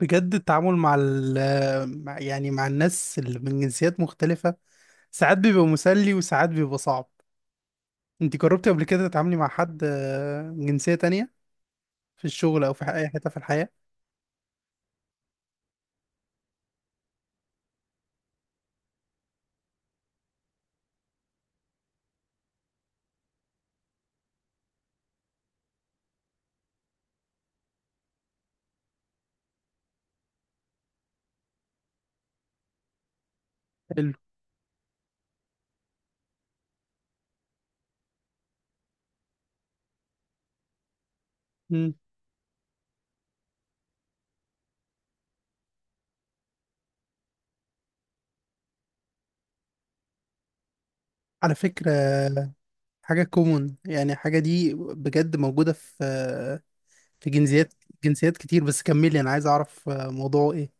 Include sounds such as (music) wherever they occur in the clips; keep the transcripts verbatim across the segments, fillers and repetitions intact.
بجد التعامل مع ال مع- يعني مع الناس اللي من جنسيات مختلفة. ساعات بيبقى مسلي وساعات بيبقى صعب. انت جربتي قبل كده تتعاملي مع حد آه، من جنسية تانية في الشغل او في ح- اي حتة في الحياة؟ حلو. مم. على فكرة حاجة كومون، يعني حاجة دي بجد موجودة في آه، في جنسيات، جنسيات كتير، بس كملي انا عايز اعرف آه، موضوعه ايه.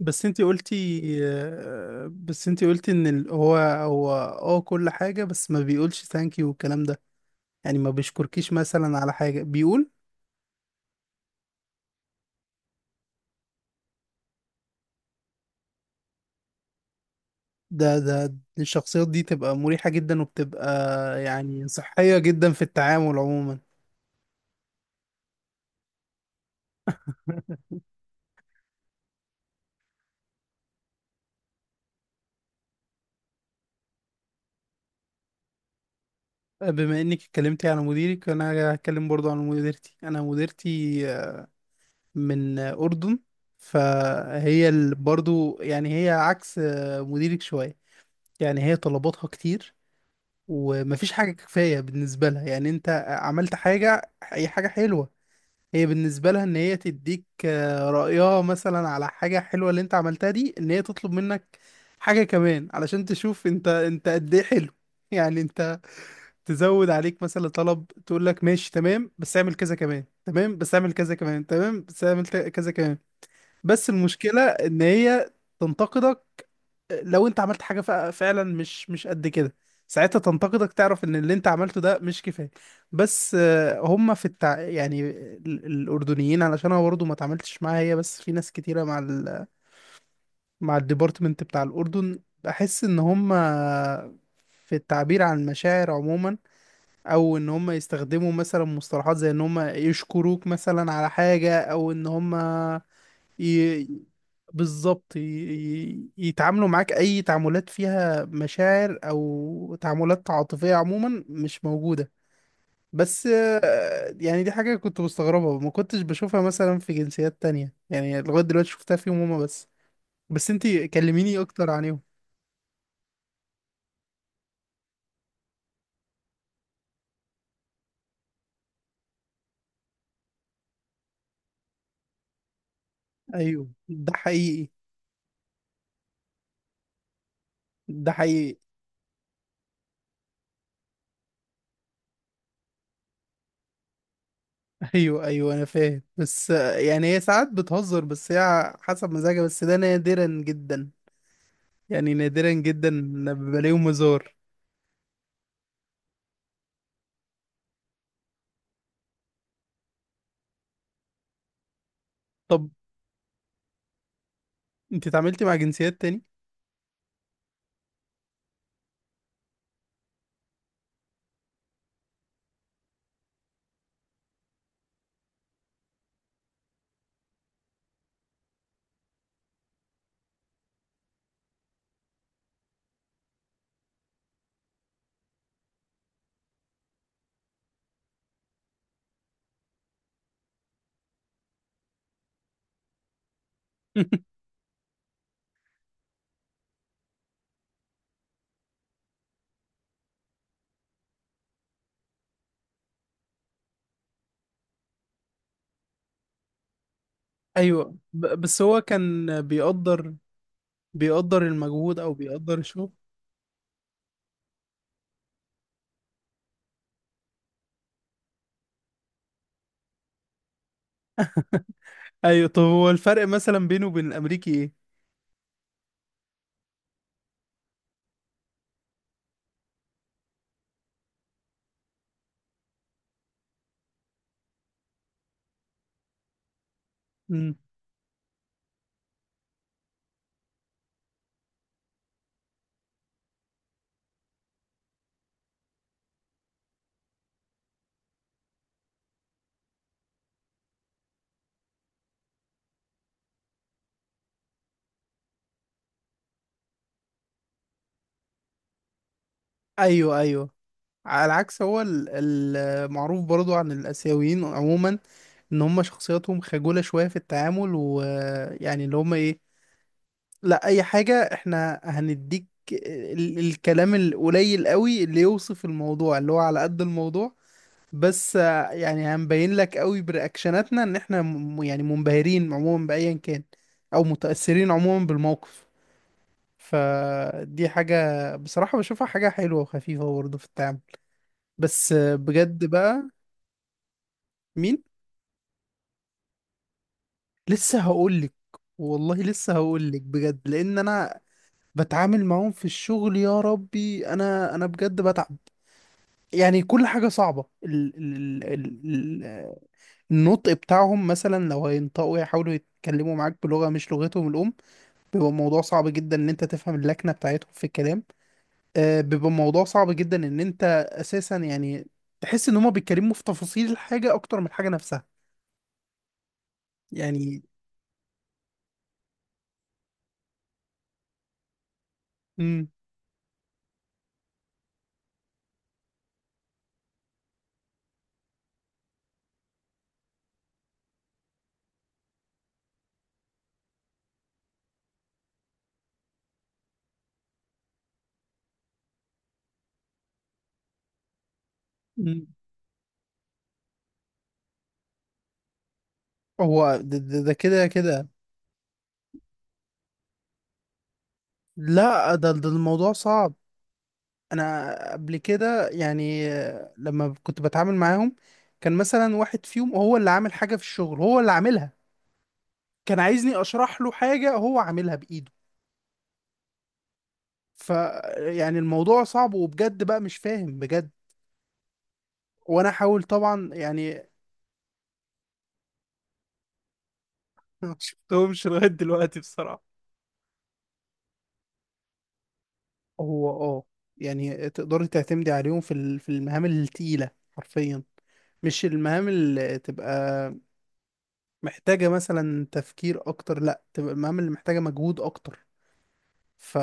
بس انت قلتي آه، بس انت قلتي ان ال- هو هو اه كل حاجة بس ما بيقولش ثانك يو والكلام ده، يعني ما بيشكركيش مثلا على حاجة بيقول؟ ده، ده الشخصيات دي تبقى مريحة جدا وبتبقى يعني صحية جدا في التعامل عموما. بما انك اتكلمتي على مديرك انا هتكلم برضو عن مديرتي. انا مديرتي من اردن، فهي ال- برضو يعني هي عكس مديرك شوية. يعني هي طلباتها كتير ومفيش حاجة كفاية بالنسبة لها. يعني انت عملت حاجة، هي حاجة حلوة، هي بالنسبة لها ان هي تديك آه، رأيها مثلا على حاجة حلوة اللي انت عملتها دي، ان هي تطلب منك حاجة كمان علشان تشوف انت انت قد ايه حلو. يعني انت تزود عليك مثلا طلب، تقول لك ماشي تمام بس اعمل كذا كمان، تمام بس اعمل كذا كمان، تمام بس اعمل ت- كذا كمان. بس المشكلة ان هي تنتقدك لو انت عملت حاجة فع- فعلا مش مش قد كده، ساعتها تنتقدك، تعرف ان اللي انت عملته ده مش كفاية. بس آه، هم في التع... يعني ال- الاردنيين، علشان انا برضه ما اتعاملتش معاها هي، بس في ناس كتيرة مع ال... مع الديبارتمنت بتاع الاردن، بحس ان هم في التعبير عن المشاعر عموما او ان هم يستخدموا مثلا مصطلحات زي ان هم يشكروك مثلا على حاجة او ان هم ي- بالظبط ي- ي- يتعاملوا معاك، اي تعاملات فيها مشاعر او تعاملات عاطفية عموما مش موجودة. بس آه، يعني دي حاجة كنت مستغربها، ما كنتش بشوفها مثلا في جنسيات تانية، يعني لغاية دلوقتي شفتها فيهم هما بس. بس انتي كلميني اكتر عنهم. ايوه ده حقيقي، ده حقيقي. ايوه ايوه انا فاهم، بس آه، يعني هي ساعات بتهزر، بس هي حسب مزاجها، بس ده نادرا جدا. يعني نادرا جدا لما بلاقيهم هزار. طب انت اتعاملتي مع جنسيات تاني؟ (laughs) ايوه، ب- بس هو كان بيقدر، بيقدر المجهود او بيقدر الشغل. ايوه طب هو الفرق مثلا بينه وبين الامريكي ايه؟ امم. ايوه ايوه. على العكس هو ال- المعروف برضو عن الاسيويين عموما ان هم شخصياتهم خجولة شوية في التعامل، ويعني اللي هم ايه، لا اي حاجة احنا هنديك ال- الكلام القليل قوي اللي يوصف الموضوع، اللي هو على قد الموضوع. بس آه، يعني هنبين لك قوي برياكشناتنا ان احنا م يعني منبهرين عموما بايا كان، او متأثرين عموما بالموقف. فدي حاجة بصراحة بشوفها حاجة حلوة وخفيفة برضه في التعامل. بس آه، بجد بقى. مين؟ لسه هقولك، والله لسه هقولك بجد، لان انا بتعامل معاهم في الشغل. يا ربي انا، انا بجد بتعب، يعني كل حاجة صعبة. النطق بتاعهم مثلا لو هينطقوا يحاولوا يتكلموا معاك بلغة مش لغتهم الأم، بيبقى الموضوع صعب جدا إن أنت تفهم اللكنة بتاعتهم في الكلام. آه بيبقى الموضوع صعب جدا إن أنت أساسا يعني تحس إن هما بيتكلموا في تفاصيل الحاجة أكتر من الحاجة نفسها يعني. مم. مم. هو ده، ده, ده كده كده. لا ده، ده الموضوع صعب. أنا قبل كده يعني آه، لما كنت بتعامل معاهم، كان مثلا واحد فيهم هو اللي عامل حاجة في الشغل، هو اللي عاملها، كان عايزني اشرح له حاجة هو عاملها بايده. ف يعني الموضوع صعب، وبجد بقى مش فاهم بجد، وانا احاول طبعا يعني. (laughs) ما شفتهمش لغاية دلوقتي بصراحة. هو اه، يعني تقدري تعتمدي عليهم في ال- في المهام التقيلة حرفيا، مش المهام اللي تبقى محتاجة مثلا تفكير أكتر، لأ تبقى المهام اللي محتاجة مجهود أكتر. ف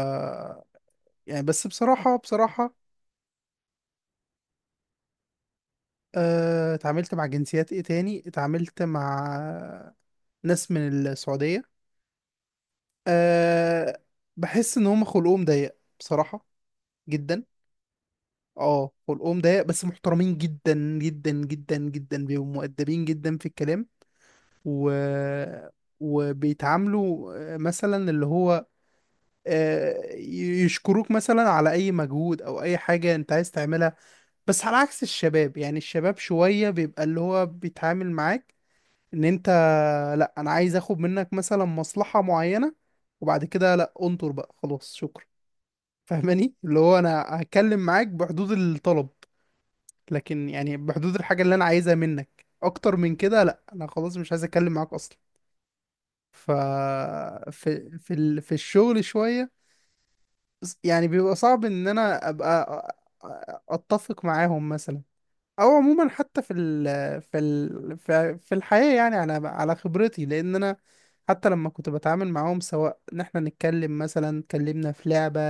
يعني بس بصراحة، بصراحة آه، اتعاملت مع جنسيات ايه تاني، اتعاملت مع ناس من السعودية. أه. بحس ان هم خلقهم ضيق بصراحة جدا. اه خلقهم ضيق، بس محترمين جدا، جدا جدا جدا، بيبقوا مؤدبين جدا في الكلام و... وبيتعاملوا آه، مثلا اللي هو آه، ي- يشكروك مثلا على اي مجهود او اي حاجة انت عايز تعملها. بس على عكس الشباب، يعني الشباب شوية بيبقى اللي هو بيتعامل معاك ان انت، لا انا عايز اخد منك مثلا مصلحة معينة، وبعد كده لا انطر بقى خلاص شكرا. (laughs) فاهماني، اللي هو انا هتكلم معاك بحدود الطلب، لكن يعني بحدود الحاجة اللي انا عايزها منك، اكتر من كده لا انا خلاص مش عايز اتكلم معاك اصلا. ف في في ال... في الشغل شوية يعني بيبقى صعب ان انا ابقى أ- أ- اتفق معاهم مثلا، او عموما حتى في ال في ال في في الحياة يعني، على على خبرتي، لان انا حتى لما كنت بتعامل معاهم سواء ان احنا نتكلم مثلا، اتكلمنا في لعبة،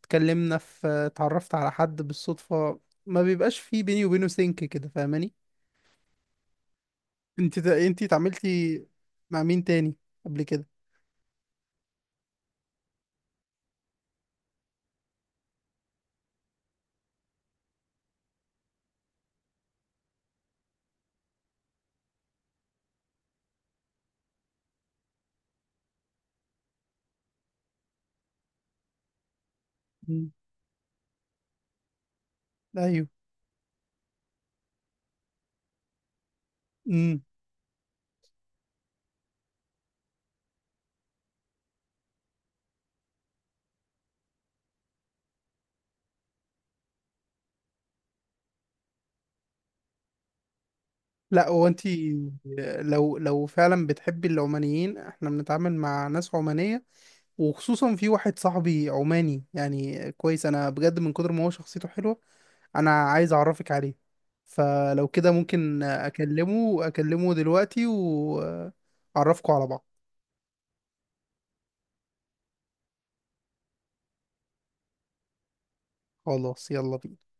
اتكلمنا في، اتعرفت على حد بالصدفة، ما بيبقاش في بيني وبينه سينك كده فاهماني. انت تا- انت اتعاملتي مع مين تاني قبل كده؟ مم. ايوه. لا هو انت لو لو فعلا بتحبي العمانيين، احنا بنتعامل مع ناس عمانية، وخصوصا في واحد صاحبي عماني، يعني كويس انا بجد، من كتر ما هو شخصيته حلوة انا عايز اعرفك عليه. فلو كده ممكن اكلمه اكلمه دلوقتي واعرفكوا على بعض. خلاص يلا بينا.